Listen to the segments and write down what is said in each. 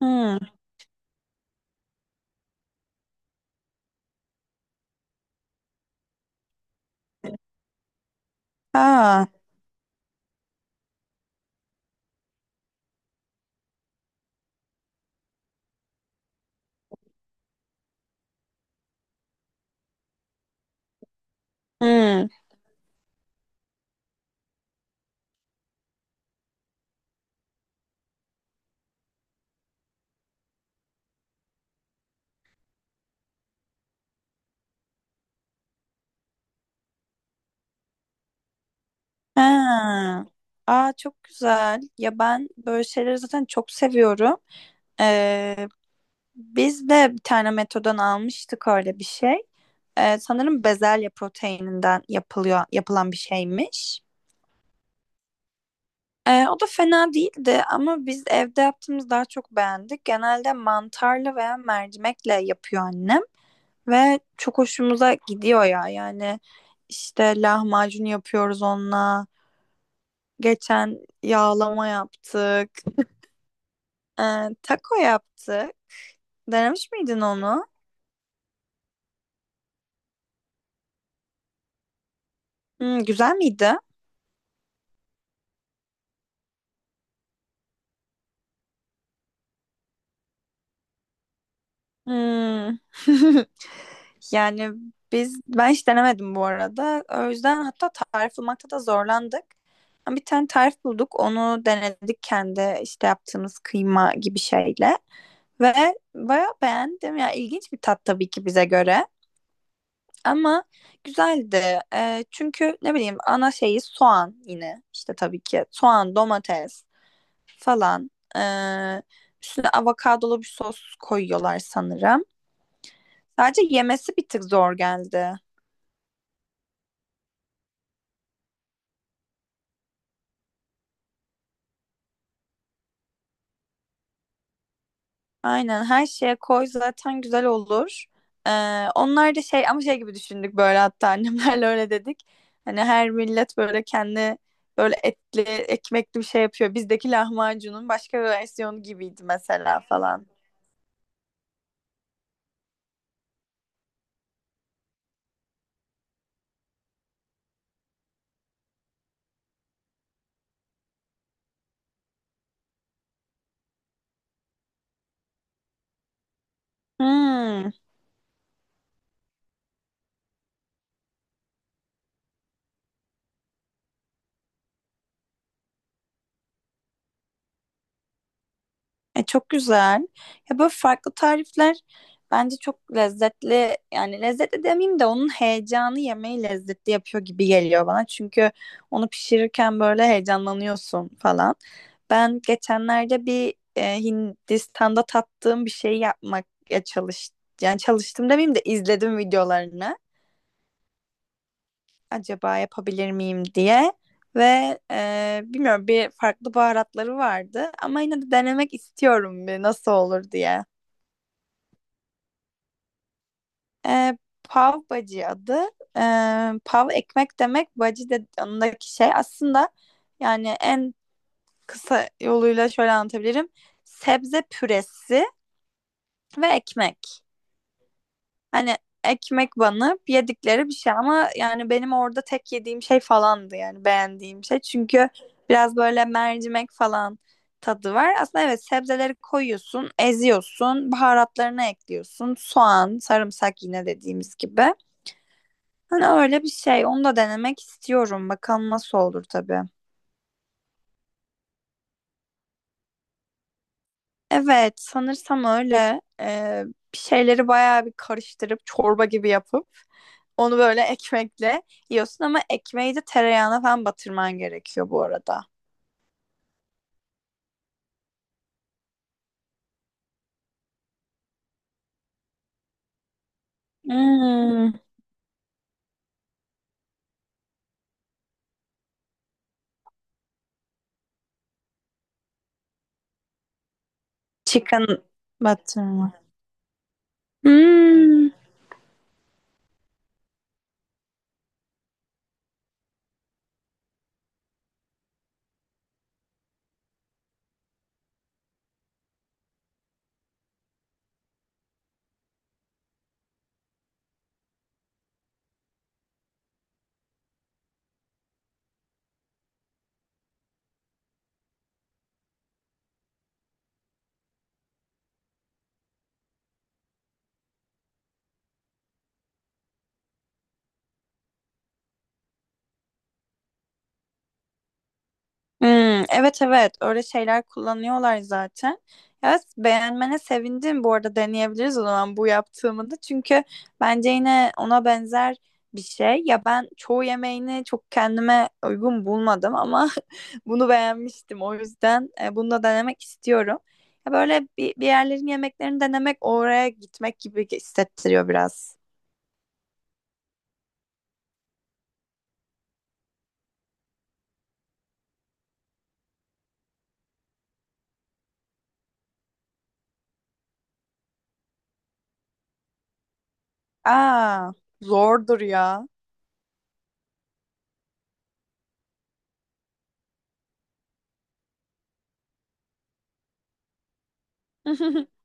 Hmm. Ha. Hmm. Ha. Aa çok güzel. Ya ben böyle şeyleri zaten çok seviyorum. Ee, Biz de bir tane Meto'dan almıştık öyle bir şey. Sanırım bezelye proteininden yapılıyor, yapılan bir şeymiş. O da fena değildi ama biz evde yaptığımız daha çok beğendik. Genelde mantarlı veya mercimekle yapıyor annem ve çok hoşumuza gidiyor ya. Yani işte lahmacun yapıyoruz onunla. Geçen yağlama yaptık. Taco yaptık. Denemiş miydin onu? Güzel miydi? Hmm. Yani ben hiç denemedim bu arada. O yüzden hatta tarif bulmakta da zorlandık. Ama bir tane tarif bulduk. Onu denedik kendi işte yaptığımız kıyma gibi şeyle. Ve bayağı beğendim. Ya ilginç bir tat tabii ki bize göre. Ama güzeldi. Çünkü ne bileyim ana şeyi soğan yine. İşte tabii ki soğan, domates falan. Ee, Üstüne avokadolu bir sos koyuyorlar sanırım. Sadece yemesi bir tık zor geldi. Aynen her şeye koy zaten güzel olur. Onlar da şey ama şey gibi düşündük böyle hatta annemlerle öyle dedik. Hani her millet böyle kendi böyle etli ekmekli bir şey yapıyor. Bizdeki lahmacunun başka bir versiyonu gibiydi mesela falan. Hmm, Çok güzel. Ya böyle farklı tarifler bence çok lezzetli. Yani lezzetli demeyeyim de onun heyecanı yemeği lezzetli yapıyor gibi geliyor bana. Çünkü onu pişirirken böyle heyecanlanıyorsun falan. Ben geçenlerde bir Hindistan'da tattığım bir şey yapmak ya çalış yani çalıştım demeyeyim de izledim videolarını. Acaba yapabilir miyim diye ve bilmiyorum bir farklı baharatları vardı ama yine de denemek istiyorum bir nasıl olur diye. E, Pav bacı adı. E, Pav ekmek demek, bacı de yanındaki şey. Aslında yani en kısa yoluyla şöyle anlatabilirim. Sebze püresi ve ekmek. Hani ekmek banıp yedikleri bir şey ama yani benim orada tek yediğim şey falandı yani beğendiğim şey. Çünkü biraz böyle mercimek falan tadı var. Aslında evet sebzeleri koyuyorsun, eziyorsun, baharatlarını ekliyorsun. Soğan, sarımsak yine dediğimiz gibi. Hani öyle bir şey. Onu da denemek istiyorum. Bakalım nasıl olur tabii. Evet, sanırsam öyle. Bir şeyleri bayağı bir karıştırıp çorba gibi yapıp onu böyle ekmekle yiyorsun ama ekmeği de tereyağına falan batırman gerekiyor bu arada. Hmm. Chicken batırma. Hmm. Hmm, evet evet öyle şeyler kullanıyorlar zaten. Evet beğenmene sevindim bu arada deneyebiliriz o zaman bu yaptığımı da. Çünkü bence yine ona benzer bir şey. Ya ben çoğu yemeğini çok kendime uygun bulmadım ama bunu beğenmiştim. O yüzden bunu da denemek istiyorum. Ya böyle bir yerlerin yemeklerini denemek oraya gitmek gibi hissettiriyor biraz. Aa zordur ya.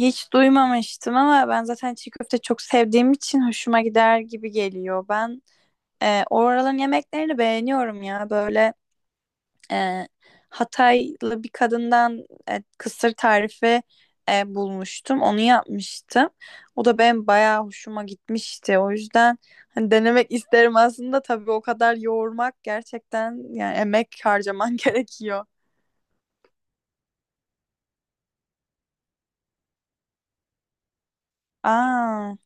Hiç duymamıştım ama ben zaten çiğ köfte çok sevdiğim için hoşuma gider gibi geliyor. Ben oraların yemeklerini beğeniyorum ya. Böyle e, Hataylı bir kadından kısır tarifi bulmuştum. Onu yapmıştım. O da benim bayağı hoşuma gitmişti. O yüzden hani denemek isterim aslında. Tabii o kadar yoğurmak gerçekten yani emek harcaman gerekiyor. Aa,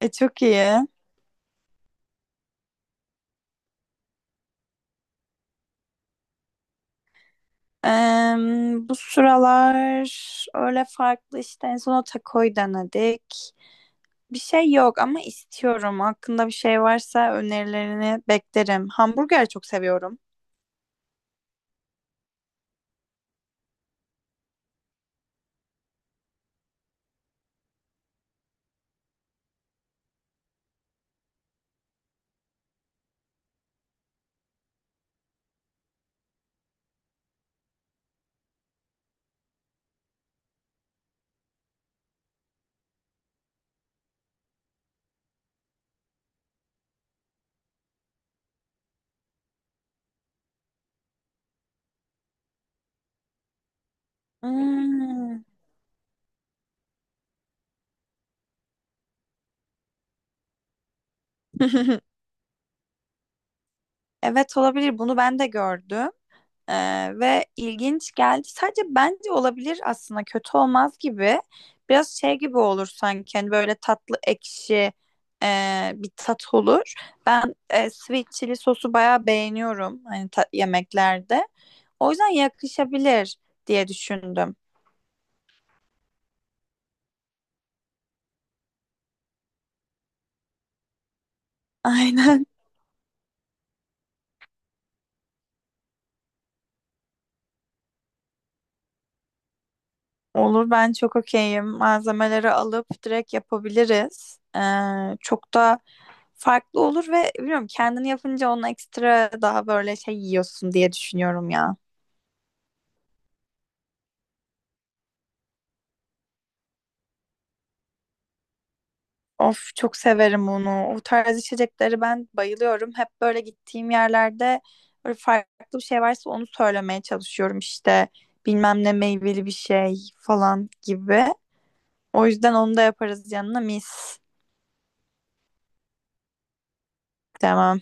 e, çok iyi. Bu sıralar öyle farklı işte en son o takoyu denedik. Bir şey yok ama istiyorum. Hakkında bir şey varsa önerilerini beklerim. Hamburger çok seviyorum. Hmm. Evet olabilir. Bunu ben de gördüm. Ee, Ve ilginç geldi. Sadece bence olabilir aslında kötü olmaz gibi. Biraz şey gibi olur sanki hani böyle tatlı ekşi bir tat olur. Ben sweet chili sosu bayağı beğeniyorum hani yemeklerde. O yüzden yakışabilir diye düşündüm. Aynen. Olur ben çok okeyim. Malzemeleri alıp direkt yapabiliriz. Çok da farklı olur ve bilmiyorum kendini yapınca onu ekstra daha böyle şey yiyorsun diye düşünüyorum ya. Of çok severim onu. O tarz içecekleri ben bayılıyorum. Hep böyle gittiğim yerlerde böyle farklı bir şey varsa onu söylemeye çalışıyorum işte. Bilmem ne meyveli bir şey falan gibi. O yüzden onu da yaparız yanına mis. Tamam.